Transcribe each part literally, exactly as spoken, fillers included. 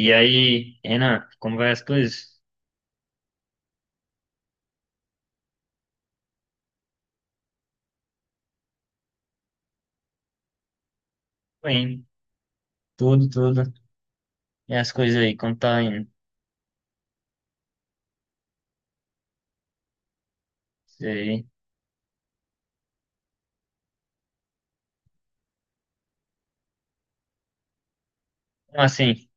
E aí, Renan, como vai as coisas? Bem, tudo, tudo. E as coisas aí, como tá indo? Sei. Assim,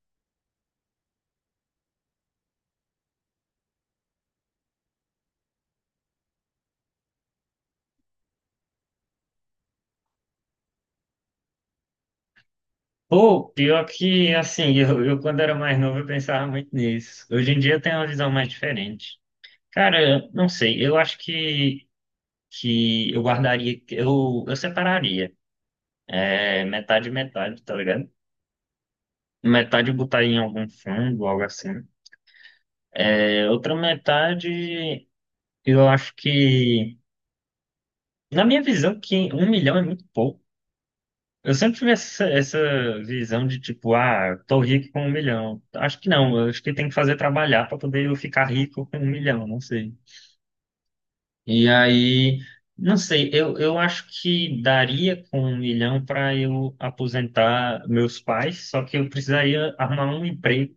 pô, pior que, assim, eu, eu quando era mais novo eu pensava muito nisso. Hoje em dia eu tenho uma visão mais diferente. Cara, eu não sei, eu acho que, que eu guardaria, eu, eu separaria, é, metade e metade, tá ligado? Metade eu botaria em algum fundo, algo assim. É, outra metade, eu acho que, na minha visão, que um milhão é muito pouco. Eu sempre tive essa, essa visão de tipo, ah, tô rico com um milhão. Acho que não, eu acho que tem que fazer trabalhar para poder eu ficar rico com um milhão, não sei. E aí, não sei, eu, eu acho que daria com um milhão para eu aposentar meus pais, só que eu precisaria arrumar um emprego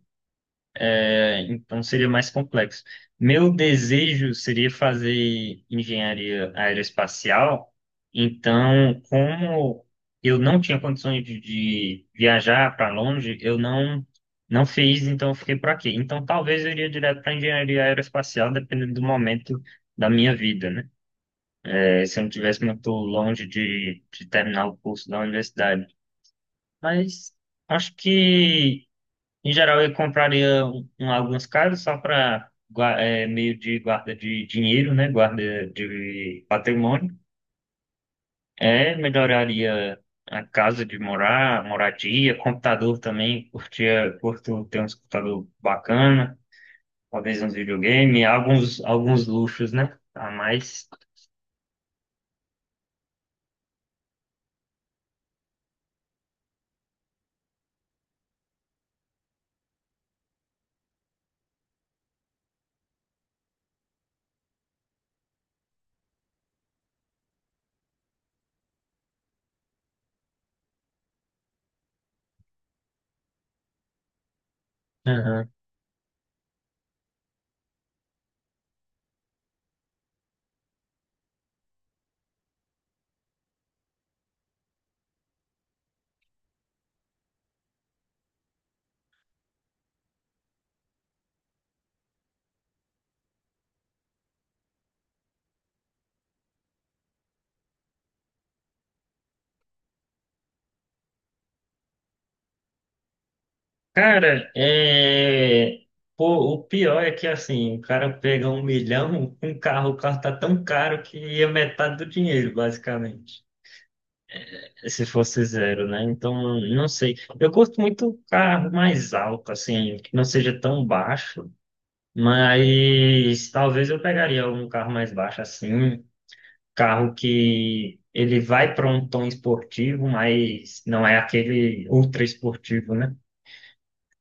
é, então seria mais complexo. Meu desejo seria fazer engenharia aeroespacial, então, como eu não tinha condições de, de viajar para longe, eu não não fiz, então eu fiquei por aqui. Então, talvez eu iria direto para engenharia aeroespacial, dependendo do momento da minha vida, né? É, se eu não tivesse muito longe de, de terminar o curso da universidade. Mas acho que em geral, eu compraria um, um- algumas casas só para meio de guarda de dinheiro, né? Guarda de patrimônio. É, melhoraria a casa de morar, moradia, computador também. Curtia, curto ter um computador bacana, talvez uns videogame, alguns, alguns luxos, né? A mais. Cara, é... Pô, o pior é que assim, o cara pega um milhão, um carro, o carro tá tão caro que é metade do dinheiro, basicamente. Se fosse zero, né? Então, não sei. Eu gosto muito carro mais alto, assim, que não seja tão baixo, mas talvez eu pegaria um carro mais baixo, assim, um carro que ele vai para um tom esportivo, mas não é aquele ultra esportivo, né?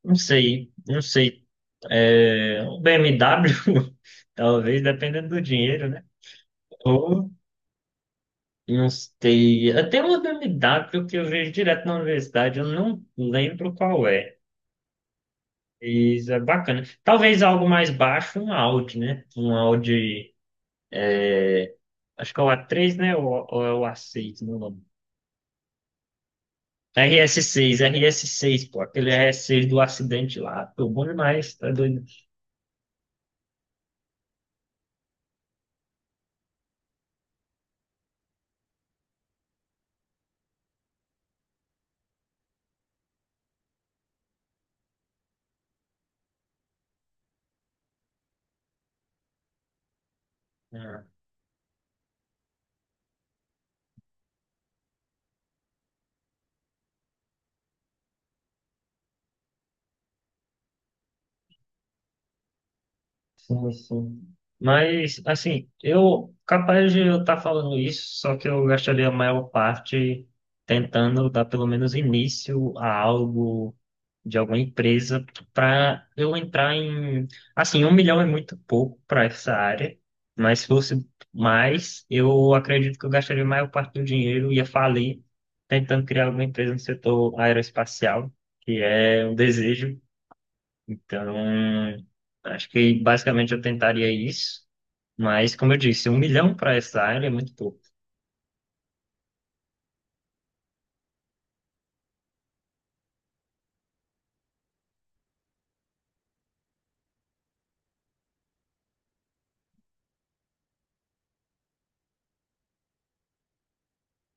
Não sei, não sei. É, um B M W, talvez, dependendo do dinheiro, né? Ou, não sei. Até uma B M W que eu vejo direto na universidade, eu não lembro qual é. Isso é bacana. Talvez algo mais baixo, um Audi, né? Um Audi, acho que é o A três, né? Ou, ou é o A seis, não lembro. R S seis, R S seis, pô, aquele R S seis do acidente lá, pô, bom demais, tá doido. Ah, sim, sim. Mas, assim, eu capaz de eu estar falando isso, só que eu gastaria a maior parte tentando dar pelo menos início a algo de alguma empresa para eu entrar em. Assim, um milhão é muito pouco para essa área, mas se fosse mais, eu acredito que eu gastaria a maior parte do dinheiro, ia falir tentando criar alguma empresa no setor aeroespacial, que é um desejo então, acho que basicamente eu tentaria isso. Mas, como eu disse, um milhão para essa área é muito pouco.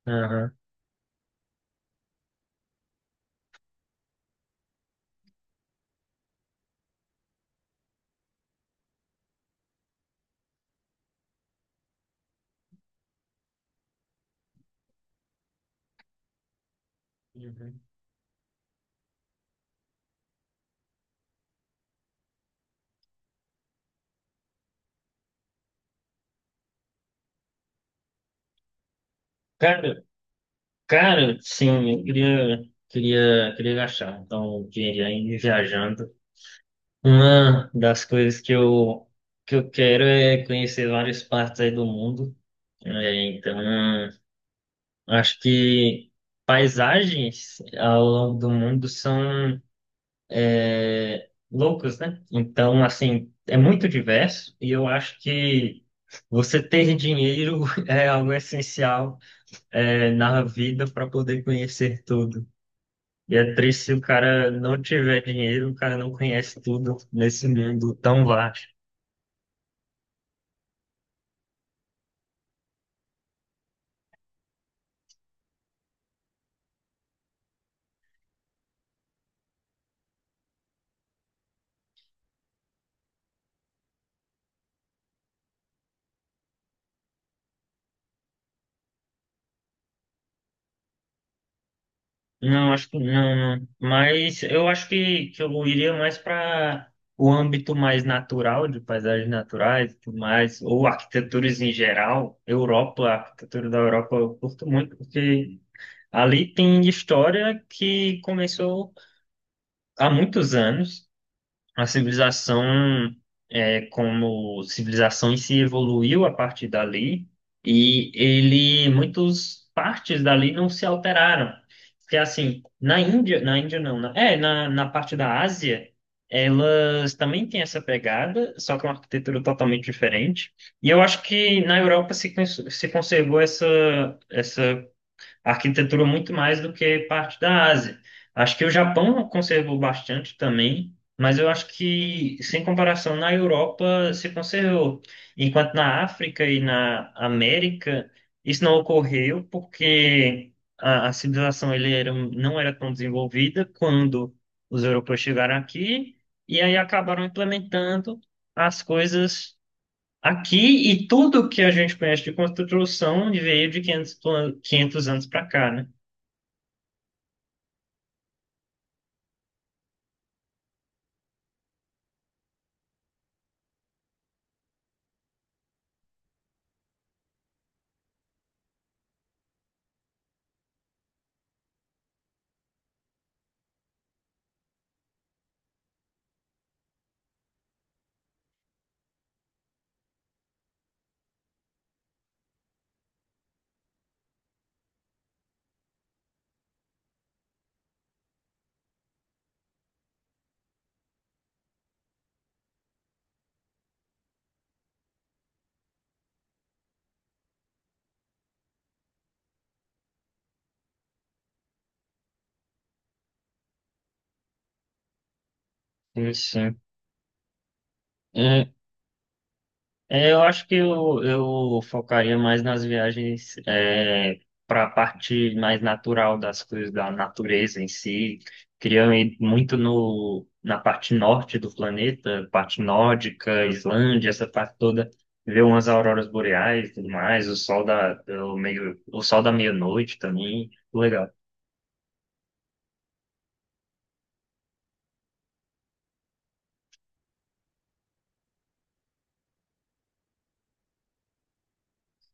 Aham. Uhum. Cara, cara, sim, eu queria, queria, queria gastar. Então, o dinheiro aí viajando. Uma das coisas que eu, que eu quero é conhecer várias partes aí do mundo. É, então, acho que paisagens ao longo do mundo são loucos, né? Então, assim, é muito diverso e eu acho que você ter dinheiro é algo essencial, é, na vida para poder conhecer tudo. E é triste se o cara não tiver dinheiro, o cara não conhece tudo nesse mundo tão vasto. Não, acho que não, não. Mas eu acho que, que eu iria mais para o âmbito mais natural, de paisagens naturais e tudo mais, ou arquiteturas em geral. Europa, a arquitetura da Europa eu curto muito, porque ali tem história que começou há muitos anos. A civilização, é, como civilização em si, evoluiu a partir dali e ele, muitas partes dali não se alteraram. Porque assim, na Índia, na Índia não, na- é, na, na parte da Ásia, elas também têm essa pegada, só que é uma arquitetura totalmente diferente. E eu acho que na Europa se, cons- se conservou essa, essa a arquitetura muito mais do que parte da Ásia. Acho que o Japão conservou bastante também, mas eu acho que, sem comparação, na Europa se conservou. Enquanto na África e na América, isso não ocorreu porque a, a civilização ele era, não era tão desenvolvida quando os europeus chegaram aqui, e aí acabaram implementando as coisas aqui e tudo que a gente conhece de construção veio de quinhentos plan- quinhentos anos para cá, né? Isso. É, é, eu acho que eu, eu focaria mais nas viagens para a parte mais natural das coisas, da natureza em si. Queria ir muito no, na parte norte do planeta, parte nórdica, Islândia, essa parte toda. Ver umas auroras boreais e tudo mais, o sol da, o meio, o sol da meia-noite também. Legal.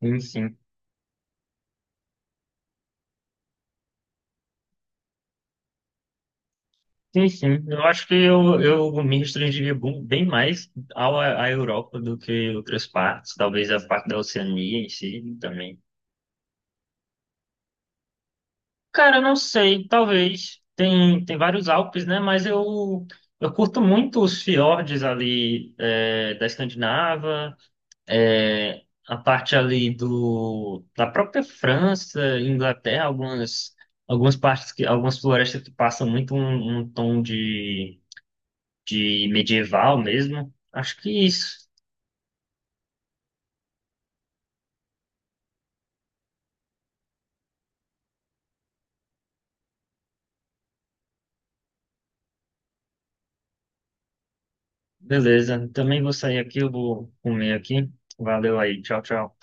Sim, sim. Sim, sim. Eu acho que eu, eu me restringiria bu- bem mais ao, à Europa do que outras partes. Talvez a parte da Oceania em si também. Cara, eu não sei. Talvez. Tem, tem vários Alpes, né? Mas eu, eu curto muito os fiordes ali é, da Escandinava, é, a parte ali do, da própria França, Inglaterra, algumas, algumas partes que, algumas florestas que passam muito um um tom de de medieval mesmo. Acho que isso. Beleza. Também vou sair aqui, eu vou comer aqui. Valeu aí. Tchau, tchau.